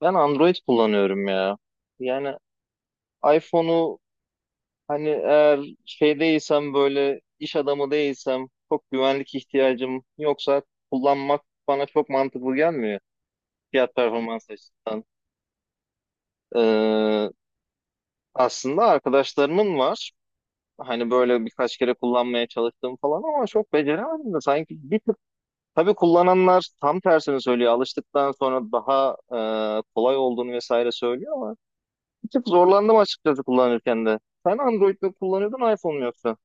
Ben Android kullanıyorum ya. Yani iPhone'u hani eğer şey değilsem böyle iş adamı değilsem çok güvenlik ihtiyacım yoksa kullanmak bana çok mantıklı gelmiyor fiyat performans açısından. Ee, Aslında arkadaşlarımın var. Hani böyle birkaç kere kullanmaya çalıştım falan ama çok beceremedim de sanki bir tık tabii kullananlar tam tersini söylüyor. Alıştıktan sonra daha kolay olduğunu vesaire söylüyor ama bir tık zorlandım açıkçası kullanırken de. Sen Android mi kullanıyordun iPhone mu yoksa?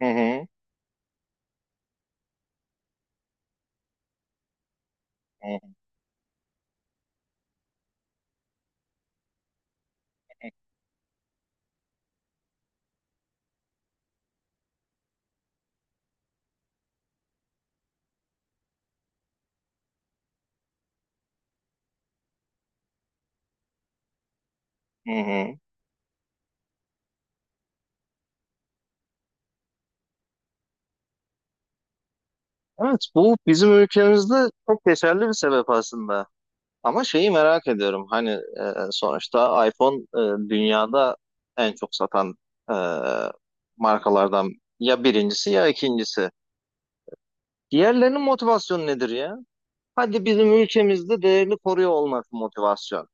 Hı hı. Hı hı. Hı. Evet, bu bizim ülkemizde çok geçerli bir sebep aslında. Ama şeyi merak ediyorum. Hani sonuçta iPhone dünyada en çok satan e, markalardan ya birincisi ya ikincisi. Diğerlerinin motivasyonu nedir ya? Hadi bizim ülkemizde değerini koruyor olması motivasyon.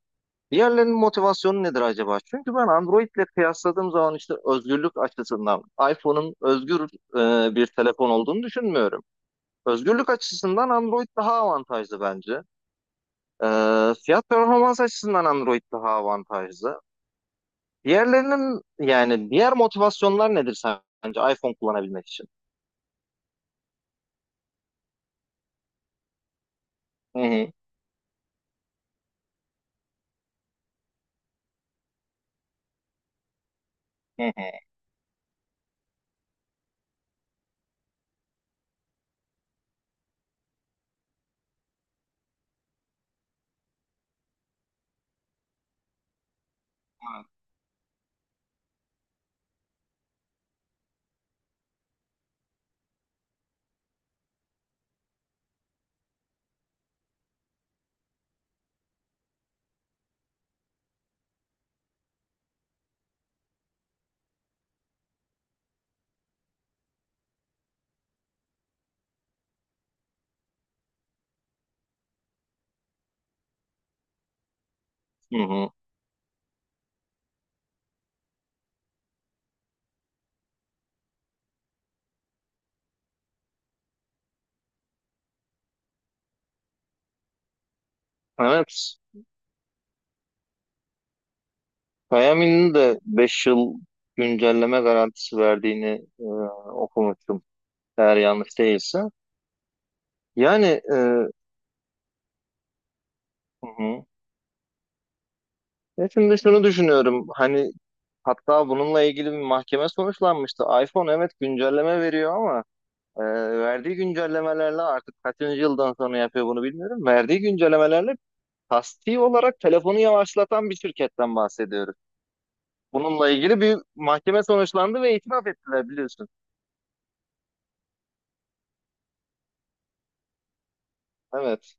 Diğerlerinin motivasyonu nedir acaba? Çünkü ben Android'le kıyasladığım zaman işte özgürlük açısından iPhone'un özgür bir telefon olduğunu düşünmüyorum. Özgürlük açısından Android daha avantajlı bence. E, Fiyat performans açısından Android daha avantajlı. Diğerlerinin yani diğer motivasyonlar nedir sence iPhone kullanabilmek için? Hı hı. Hı hı. Hı hı. Evet. Xiaomi'nin de 5 yıl güncelleme garantisi verdiğini e, okumuştum. Eğer yanlış değilse. Yani hı hı. Ya şimdi şunu düşünüyorum. Hani hatta bununla ilgili bir mahkeme sonuçlanmıştı. iPhone evet güncelleme veriyor ama e, verdiği güncellemelerle artık kaçıncı yıldan sonra yapıyor bunu bilmiyorum. Verdiği güncellemelerle kasti olarak telefonu yavaşlatan bir şirketten bahsediyoruz. Bununla ilgili bir mahkeme sonuçlandı ve itiraf ettiler biliyorsun. Evet.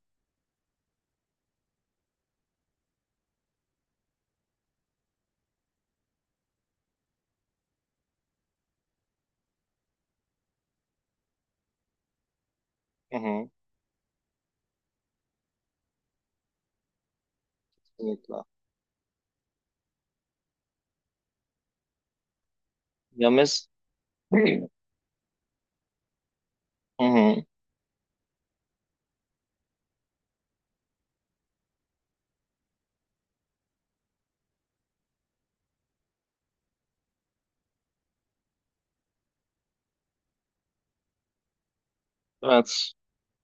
Hı hı. Kesinlikle. Ya mes- Hı hı. Evet.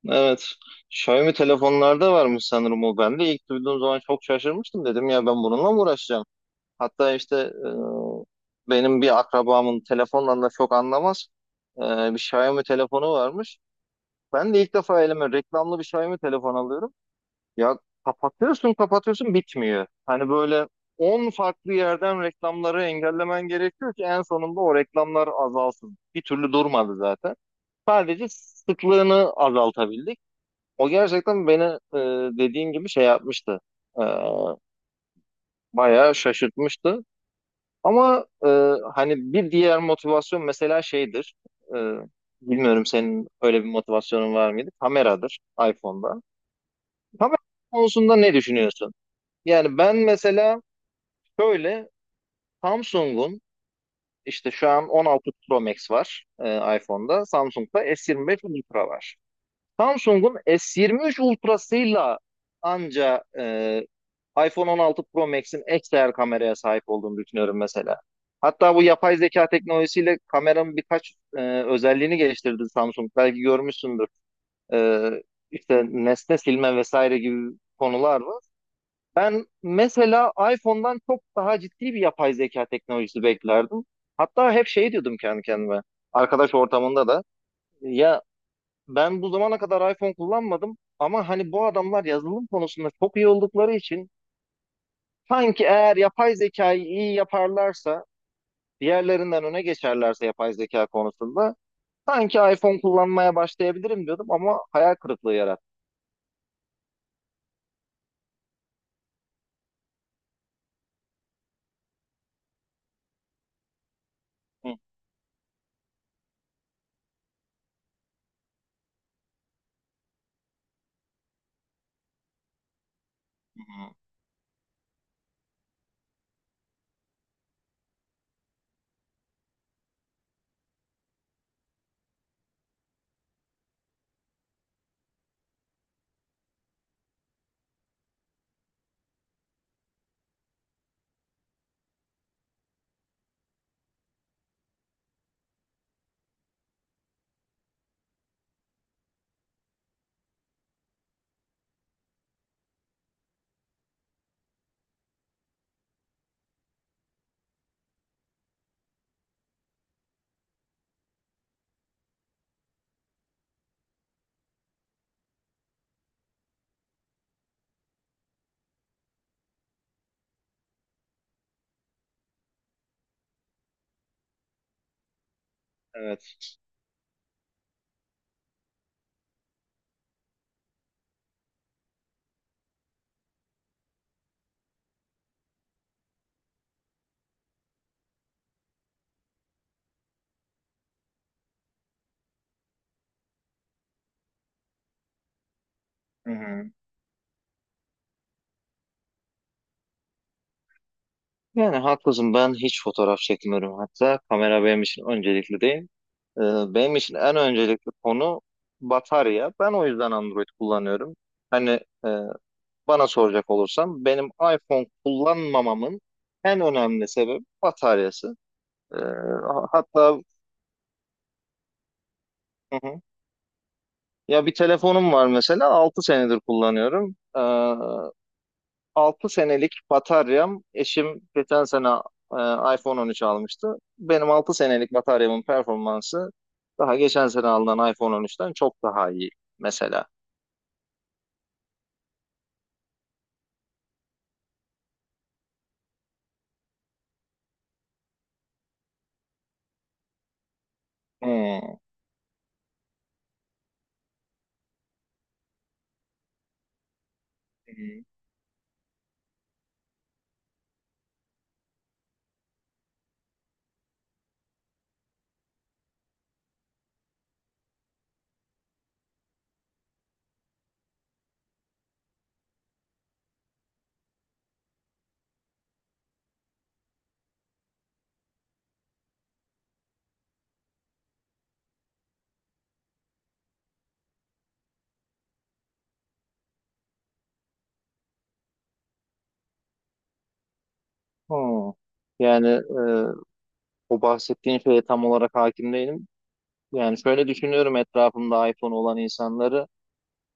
Evet. Xiaomi telefonlarda varmış sanırım o. Ben de ilk duyduğum zaman çok şaşırmıştım. Dedim ya, ben bununla mı uğraşacağım? Hatta işte benim bir akrabamın telefondan da çok anlamaz. e, Bir Xiaomi telefonu varmış. Ben de ilk defa elime reklamlı bir Xiaomi telefon alıyorum. Ya, kapatıyorsun kapatıyorsun bitmiyor. Hani böyle 10 farklı yerden reklamları engellemen gerekiyor ki en sonunda o reklamlar azalsın. Bir türlü durmadı zaten. Sadece sıklığını azaltabildik. O gerçekten beni e, dediğin gibi şey yapmıştı. E, Bayağı şaşırtmıştı. Ama hani bir diğer motivasyon mesela şeydir. E, Bilmiyorum senin öyle bir motivasyonun var mıydı? Kameradır iPhone'da. Kamera konusunda ne düşünüyorsun? Yani ben mesela şöyle Samsung'un işte şu an 16 Pro Max var iPhone'da. Samsung'da S25 Ultra var. Samsung'un S23 Ultra'sıyla anca iPhone 16 Pro Max'in XR kameraya sahip olduğunu düşünüyorum mesela. Hatta bu yapay zeka teknolojisiyle kameranın birkaç özelliğini geliştirdi Samsung. Belki görmüşsündür. E, işte nesne silme vesaire gibi konular var. Ben mesela iPhone'dan çok daha ciddi bir yapay zeka teknolojisi beklerdim. Hatta hep şey diyordum kendi kendime. Arkadaş ortamında da. Ya, ben bu zamana kadar iPhone kullanmadım ama hani bu adamlar yazılım konusunda çok iyi oldukları için sanki eğer yapay zekayı iyi yaparlarsa, diğerlerinden öne geçerlerse yapay zeka konusunda sanki iPhone kullanmaya başlayabilirim diyordum ama hayal kırıklığı yarattı. Hı, hı, hı. Evet. Hı hı. Yani haklısın, ben hiç fotoğraf çekmiyorum, hatta kamera benim için öncelikli değil. Ee, Benim için en öncelikli konu batarya. Ben o yüzden Android kullanıyorum. Hani e, bana soracak olursam benim iPhone kullanmamamın en önemli sebebi bataryası. Hatta, hı hı. Ya, bir telefonum var mesela 6 senedir kullanıyorum. 6 senelik bataryam, eşim geçen sene iPhone 13 almıştı. Benim 6 senelik bataryamın performansı daha geçen sene alınan iPhone 13'ten çok daha iyi mesela. Hmm. Hmm. Hmm. Yani o bahsettiğin şeye tam olarak hakim değilim. Yani şöyle düşünüyorum, etrafımda iPhone olan insanları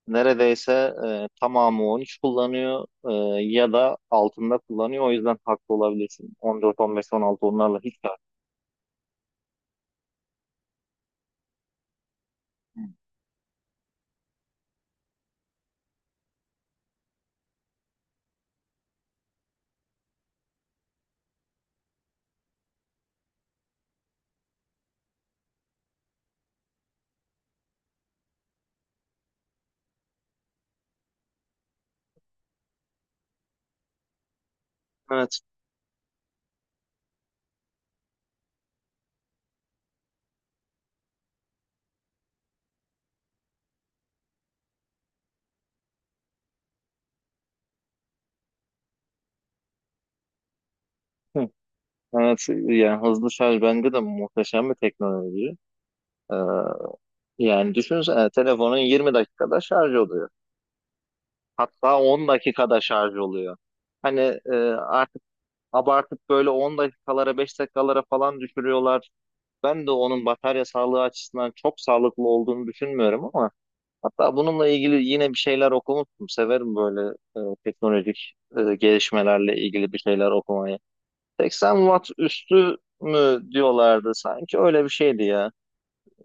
neredeyse tamamı 13 kullanıyor, ya da altında kullanıyor. O yüzden haklı olabilirsin. 14, 15, 16 onlarla hiç tartışmam. Evet. Hı. Evet, yani hızlı şarj bence de muhteşem bir teknoloji. E, Yani düşünsene, telefonun 20 dakikada şarj oluyor. Hatta 10 dakikada şarj oluyor. Hani e, artık abartıp böyle 10 dakikalara 5 dakikalara falan düşürüyorlar. Ben de onun batarya sağlığı açısından çok sağlıklı olduğunu düşünmüyorum ama hatta bununla ilgili yine bir şeyler okumuştum. Severim böyle teknolojik gelişmelerle ilgili bir şeyler okumayı. 80 watt üstü mü diyorlardı sanki, öyle bir şeydi ya.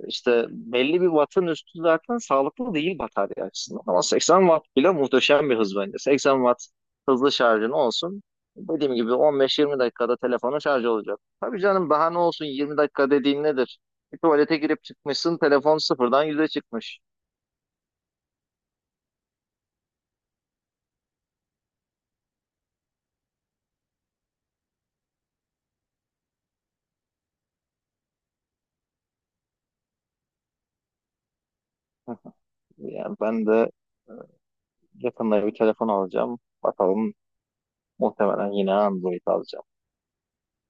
İşte belli bir wattın üstü zaten sağlıklı değil batarya açısından. Ama 80 watt bile muhteşem bir hız bence. 80 watt hızlı şarjın olsun. Dediğim gibi 15-20 dakikada telefonun şarj olacak. Tabii canım, daha ne olsun, 20 dakika dediğin nedir? Bir tuvalete girip çıkmışsın, telefon sıfırdan yüze çıkmış. Yani ben de yakında bir telefon alacağım. Bakalım, muhtemelen yine Android alacağım.